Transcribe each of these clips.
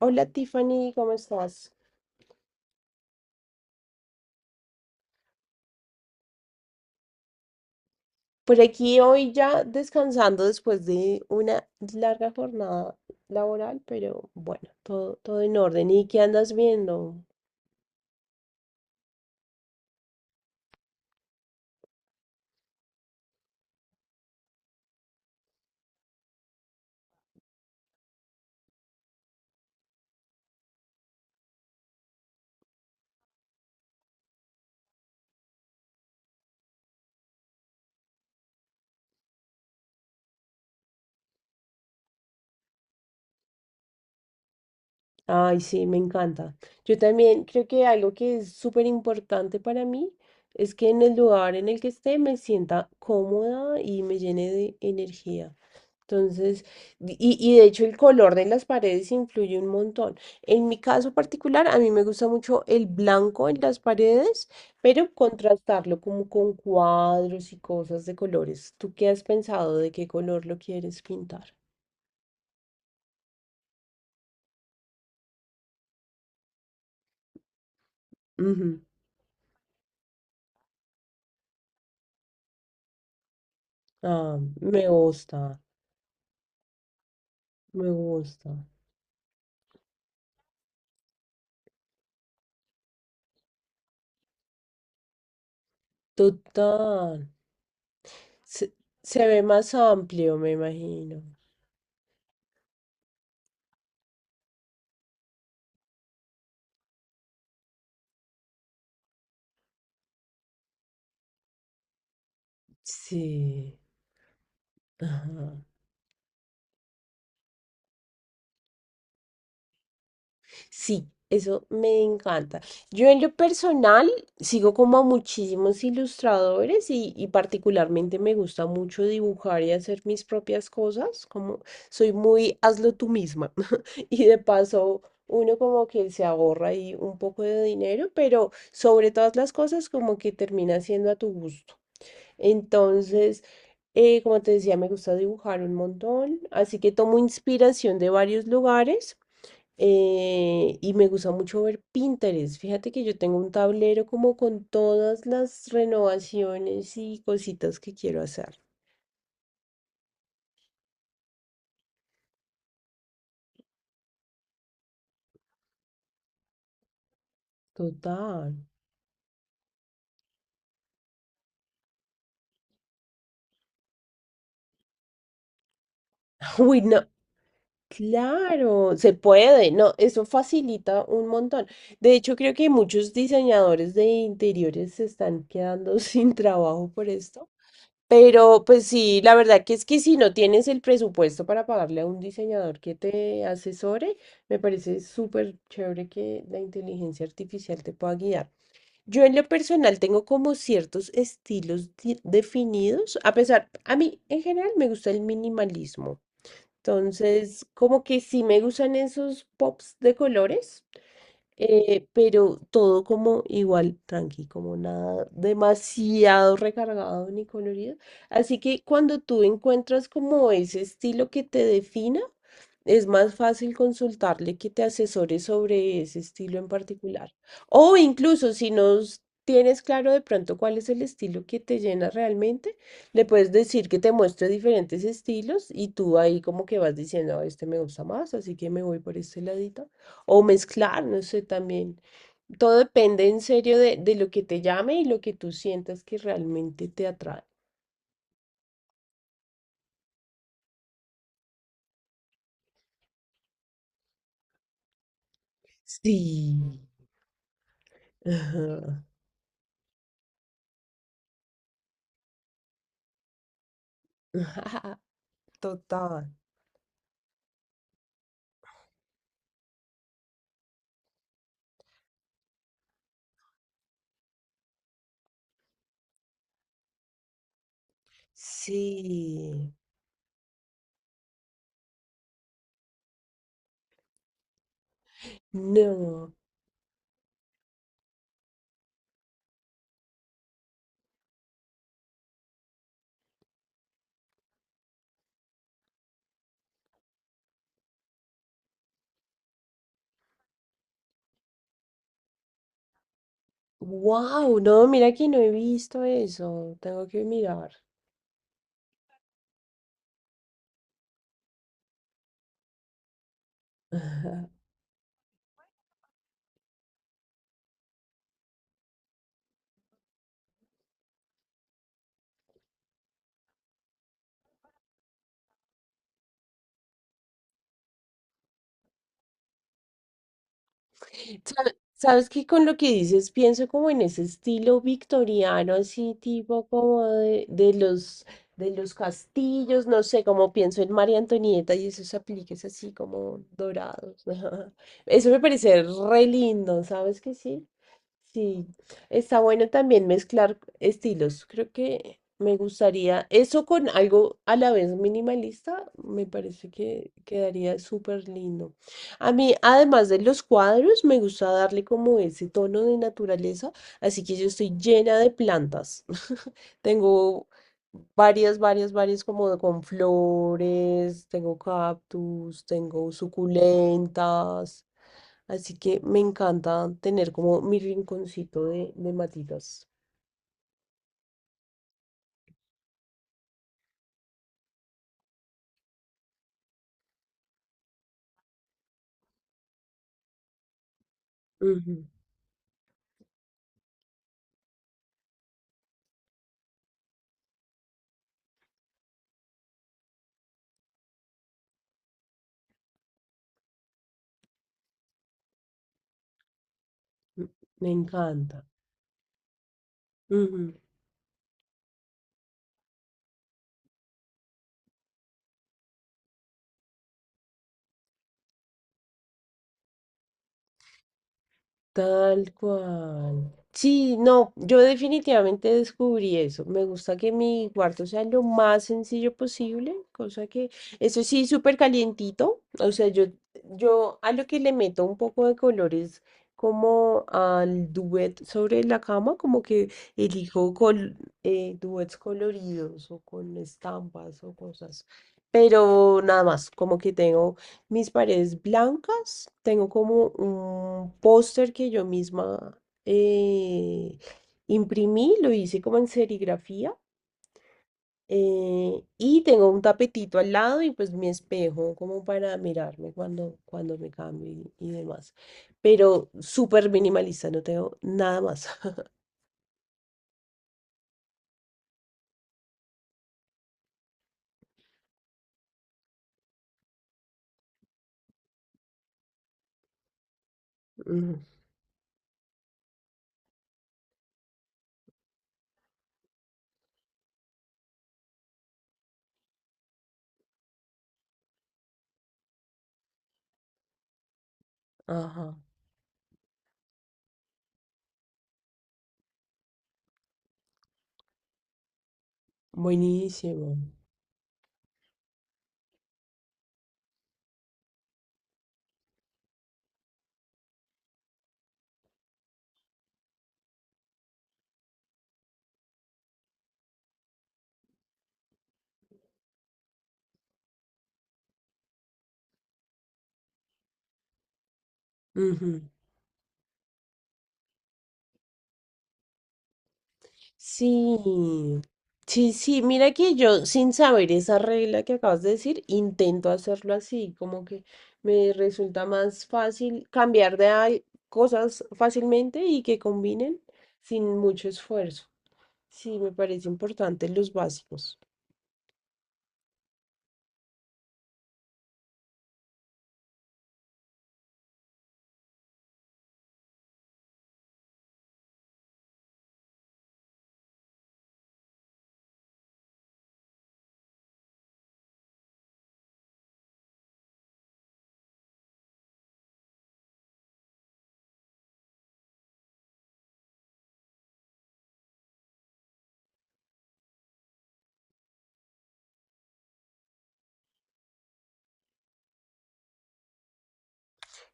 Hola Tiffany, ¿cómo estás? Por aquí hoy ya descansando después de una larga jornada laboral, pero bueno, todo en orden. ¿Y qué andas viendo? Ay, sí, me encanta. Yo también creo que algo que es súper importante para mí es que en el lugar en el que esté me sienta cómoda y me llene de energía. Entonces, y de hecho el color de las paredes influye un montón. En mi caso particular, a mí me gusta mucho el blanco en las paredes, pero contrastarlo como con cuadros y cosas de colores. ¿Tú qué has pensado de qué color lo quieres pintar? Ujú. Ah, me gusta, me gusta. Total. Se, se ve más amplio, me imagino. Sí. Ajá. Sí, eso me encanta. Yo en lo personal sigo como a muchísimos ilustradores y particularmente me gusta mucho dibujar y hacer mis propias cosas, como soy muy hazlo tú misma y de paso uno como que se ahorra ahí un poco de dinero, pero sobre todas las cosas como que termina siendo a tu gusto. Entonces, como te decía, me gusta dibujar un montón, así que tomo inspiración de varios lugares. Y me gusta mucho ver Pinterest. Fíjate que yo tengo un tablero como con todas las renovaciones y cositas que quiero hacer. Total. Uy, no. Claro, se puede, no, eso facilita un montón. De hecho, creo que muchos diseñadores de interiores se están quedando sin trabajo por esto. Pero pues sí, la verdad que es que si no tienes el presupuesto para pagarle a un diseñador que te asesore, me parece súper chévere que la inteligencia artificial te pueda guiar. Yo en lo personal tengo como ciertos estilos definidos, a pesar, a mí en general me gusta el minimalismo. Entonces, como que sí me gustan esos pops de colores, pero todo como igual, tranqui, como nada demasiado recargado ni colorido. Así que cuando tú encuentras como ese estilo que te defina, es más fácil consultarle que te asesore sobre ese estilo en particular. O incluso si no s- tienes claro de pronto cuál es el estilo que te llena realmente, le puedes decir que te muestre diferentes estilos y tú ahí como que vas diciendo, "Ah, este me gusta más, así que me voy por este ladito. O mezclar, no sé, también. Todo depende en serio de lo que te llame y lo que tú sientas que realmente te atrae. Sí. Ajá. Ajá, total. Sí. No. Wow, no, mira que no he visto eso. Tengo que mirar. Sa- Sabes que con lo que dices pienso como en ese estilo victoriano, así tipo como de los castillos, no sé, como pienso en María Antonieta y esos apliques así como dorados. Eso me parece re lindo, ¿sabes que sí? Sí, está bueno también mezclar estilos. Creo que me gustaría eso con algo a la vez minimalista, me parece que quedaría súper lindo. A mí, además de los cuadros, me gusta darle como ese tono de naturaleza, así que yo estoy llena de plantas. Tengo varias, varias, varias como con flores, tengo cactus, tengo suculentas. Así que me encanta tener como mi rinconcito de matitas. Ujú, m- me encanta. Tal cual. Sí, no, yo definitivamente descubrí eso. Me gusta que mi cuarto sea lo más sencillo posible, cosa que, eso sí, súper calientito. O sea, yo a lo que le meto un poco de color es como al duet sobre la cama, como que elijo duets coloridos o con estampas o cosas. Pero nada más, como que tengo mis paredes blancas. Tengo como un póster que yo misma eh, imprimí, lo hice como en serigrafía. Y tengo un tapetito al lado y pues mi espejo como para mirarme cuando me cambio y demás. Pero súper minimalista, no tengo nada más. Ujú, ajá, buenísimo. Sí, sí, sí, mira que yo sin saber esa regla que acabas de decir, intento hacerlo así, como que me resulta más fácil cambiar de cosas fácilmente y que combinen sin mucho esfuerzo. Sí, me parece importante los básicos.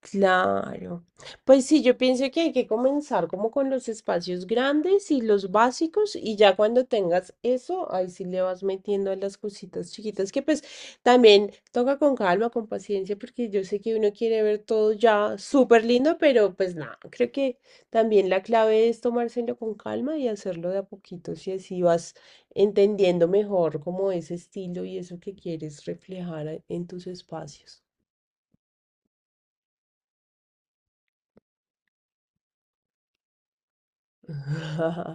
Claro. Pues sí, yo pienso que hay que comenzar como con los espacios grandes y los básicos y ya cuando tengas eso, ahí sí le vas metiendo a las cositas chiquitas que pues también toca con calma, con paciencia, porque yo sé que uno quiere ver todo ya súper lindo, pero pues nada, creo que también la clave es tomárselo con calma y hacerlo de a poquitos y así vas entendiendo mejor como ese estilo y eso que quieres reflejar en tus espacios.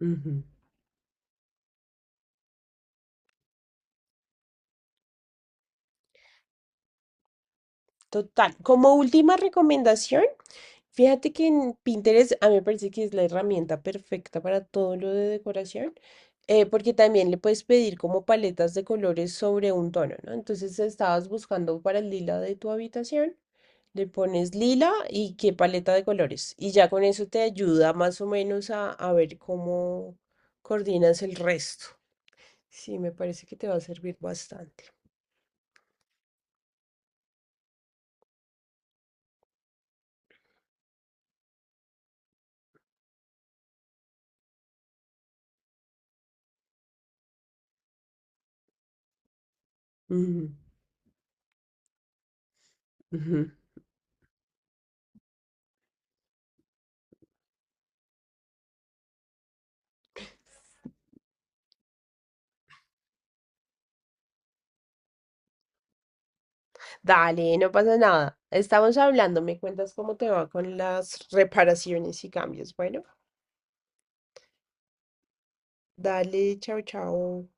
Ujú. Total. Como última recomendación, fíjate que en Pinterest a mí me parece que es la herramienta perfecta para todo lo de decoración, porque también le puedes pedir como paletas de colores sobre un tono, ¿no? Entonces estabas buscando para el lila de tu habitación, le pones lila y qué paleta de colores. Y ya con eso te ayuda más o menos a ver cómo coordinas el resto. Sí, me parece que te va a servir bastante. Ujú, ujú. Dale, no pasa nada. Estamos hablando, me cuentas cómo te va con las reparaciones y cambios. Bueno, dale, chao, chao.